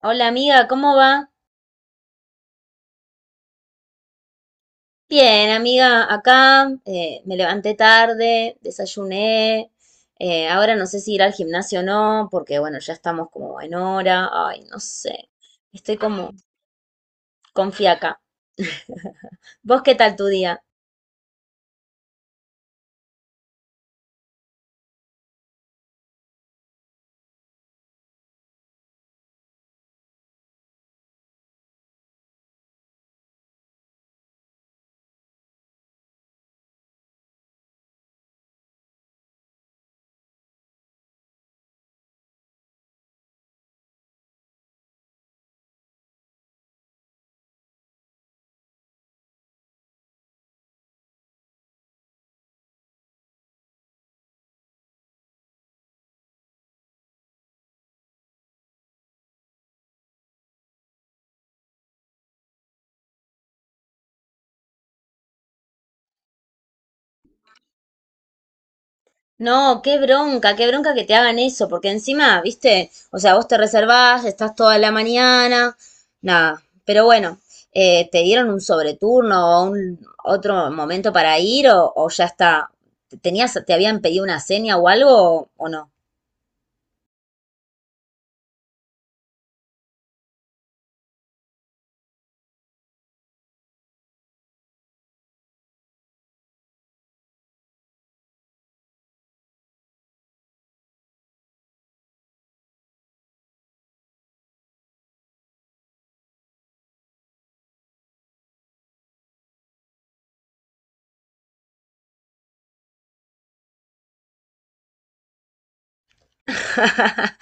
Hola amiga, ¿cómo va? Bien, amiga, acá me levanté tarde, desayuné, ahora no sé si ir al gimnasio o no, porque bueno, ya estamos como en hora, ay, no sé, estoy como con fiaca. ¿Vos qué tal tu día? No, qué bronca que te hagan eso, porque encima, viste, o sea, vos te reservás, estás toda la mañana, nada, pero bueno, ¿te dieron un sobreturno o un otro momento para ir o ya está? ¿Tenías, te habían pedido una seña o algo o no?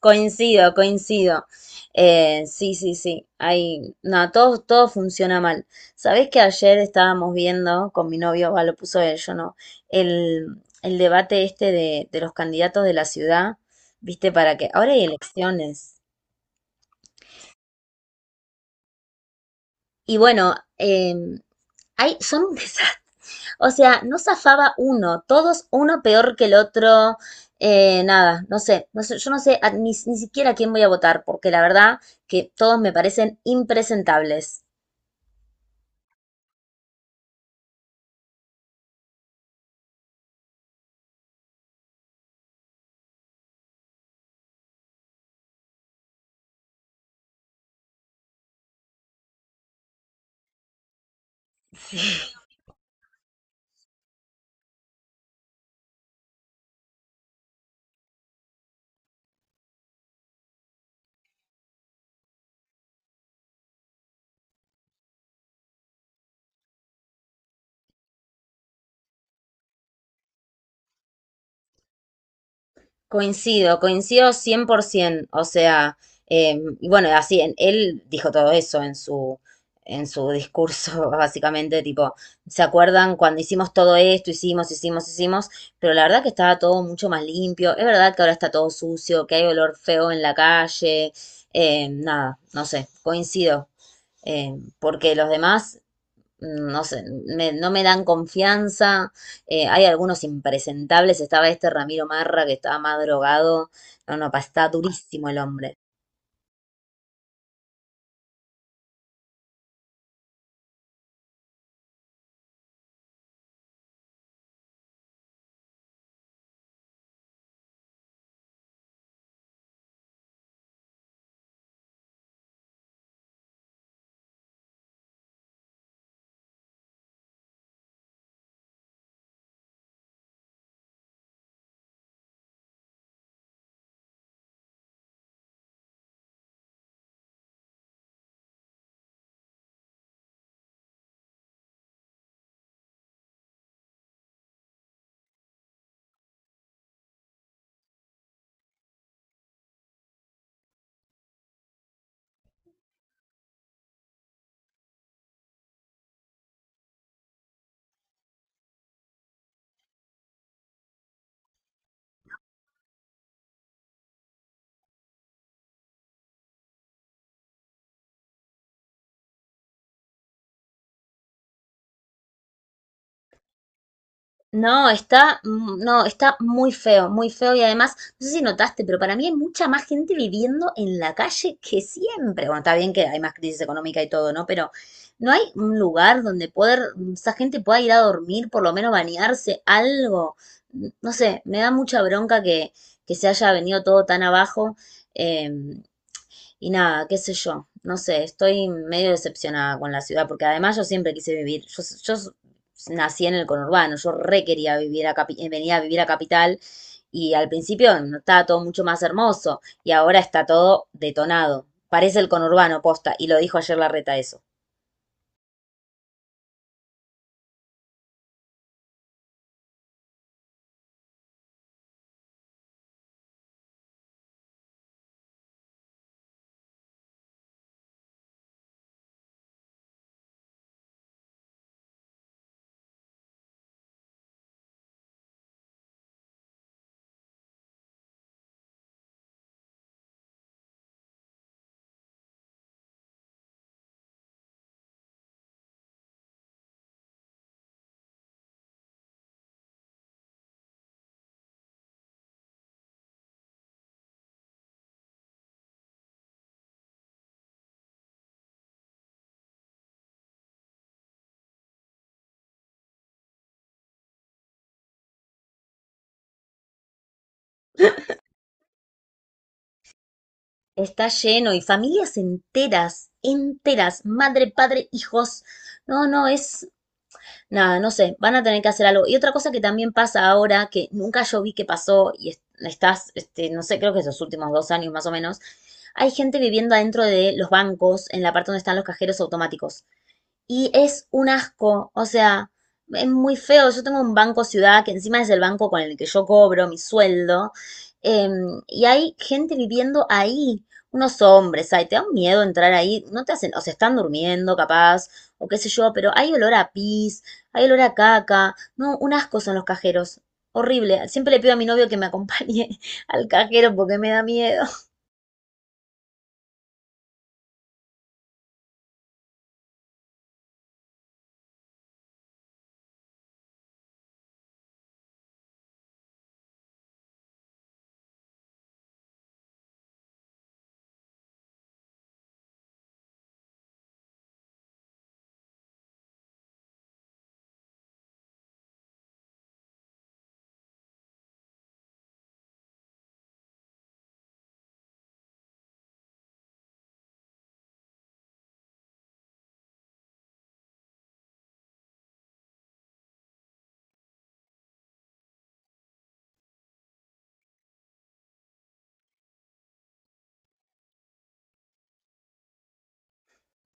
Coincido, coincido. Sí, sí, sí. Hay, no, todo, todo funciona mal. ¿Sabés que ayer estábamos viendo con mi novio, va, lo puso él, yo no, el, el debate este de los candidatos de la ciudad, viste, para que ahora hay elecciones. Y bueno, hay, son un desastre. O sea, no zafaba uno, todos uno peor que el otro. Eh, nada, no sé, yo ni, ni siquiera a quién voy a votar, porque la verdad que todos me parecen impresentables. Sí, coincido, coincido 100%, o sea, y bueno, así, él dijo todo eso en en su discurso, básicamente, tipo, ¿se acuerdan cuando hicimos todo esto, hicimos? Pero la verdad que estaba todo mucho más limpio, es verdad que ahora está todo sucio, que hay olor feo en la calle, nada, no sé, coincido, eh, porque los demás no sé, no me dan confianza. Eh, hay algunos impresentables. Estaba este Ramiro Marra que estaba más drogado. No, no, está durísimo el hombre. No, está, no, está muy feo y además, no sé si notaste, pero para mí hay mucha más gente viviendo en la calle que siempre. Bueno, está bien que hay más crisis económica y todo, ¿no? Pero no hay un lugar donde poder, esa gente pueda ir a dormir, por lo menos bañarse, algo. No sé, me da mucha bronca que se haya venido todo tan abajo. Eh, y nada, qué sé yo, no sé, estoy medio decepcionada con la ciudad, porque además yo siempre quise vivir, yo nací en el conurbano, yo re quería vivir venir a vivir a Capital y al principio no estaba todo mucho más hermoso y ahora está todo detonado, parece el conurbano posta, y lo dijo ayer Larreta eso. Está lleno y familias enteras, enteras, madre, padre, hijos. No, no, es nada, no sé, van a tener que hacer algo. Y otra cosa que también pasa ahora, que nunca yo vi que pasó, y no sé, creo que esos últimos dos años más o menos, hay gente viviendo adentro de los bancos, en la parte donde están los cajeros automáticos. Y es un asco, o sea, es muy feo. Yo tengo un banco ciudad que encima es el banco con el que yo cobro mi sueldo. Y hay gente viviendo ahí, unos hombres, ay, te da un miedo entrar ahí, no te hacen, o se están durmiendo capaz, o qué sé yo, pero hay olor a pis, hay olor a caca, no, un asco son los cajeros, horrible. Siempre le pido a mi novio que me acompañe al cajero porque me da miedo.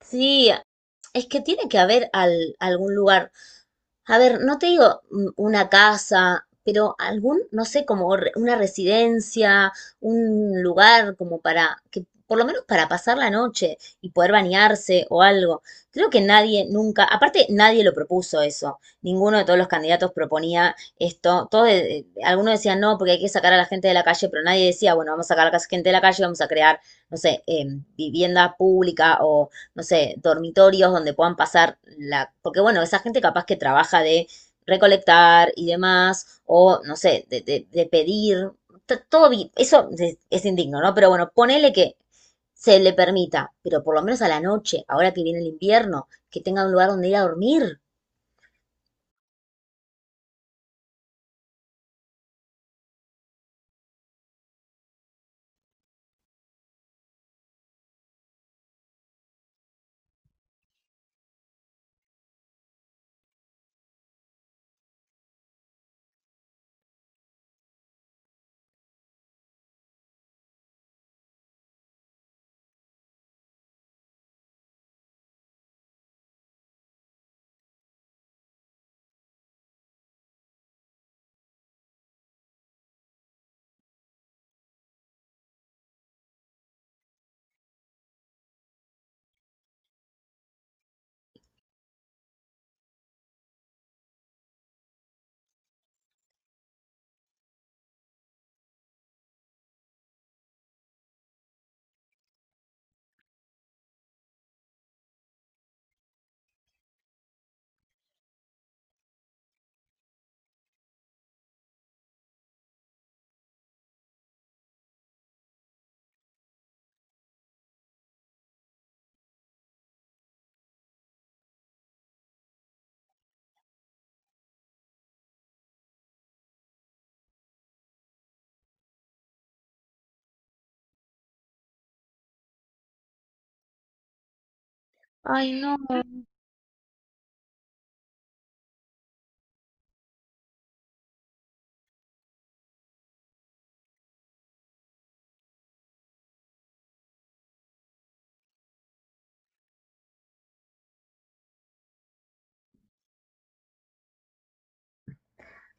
Sí, es que tiene que haber algún lugar. A ver, no te digo una casa, pero algún, no sé, como una residencia, un lugar como para que por lo menos para pasar la noche y poder bañarse o algo. Creo que nadie nunca, aparte nadie lo propuso eso. Ninguno de todos los candidatos proponía esto. Algunos decían no, porque hay que sacar a la gente de la calle, pero nadie decía, bueno, vamos a sacar a la gente de la calle, vamos a crear, no sé, vivienda pública o no sé, dormitorios donde puedan pasar la. Porque bueno, esa gente capaz que trabaja de recolectar y demás, o no sé, de pedir, eso es indigno, ¿no? Pero bueno, ponele que se le permita, pero por lo menos a la noche, ahora que viene el invierno, que tenga un lugar donde ir a dormir.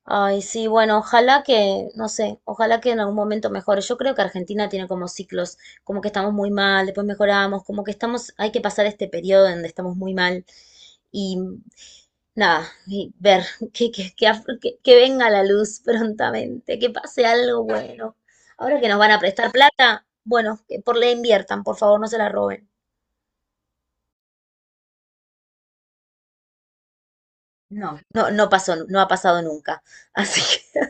Ay, sí, bueno, ojalá que, no sé, ojalá que en algún momento mejore. Yo creo que Argentina tiene como ciclos, como que estamos muy mal, después mejoramos, como que estamos, hay que pasar este periodo donde estamos muy mal y nada, y ver que venga la luz prontamente, que pase algo bueno. Ahora que nos van a prestar plata, bueno, que por la inviertan, por favor, no se la roben. No. No, no pasó, no ha pasado nunca. Así que,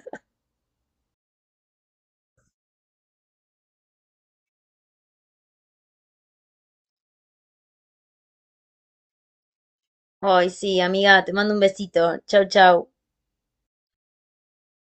ay, sí, amiga, te mando un besito. Chau, chau.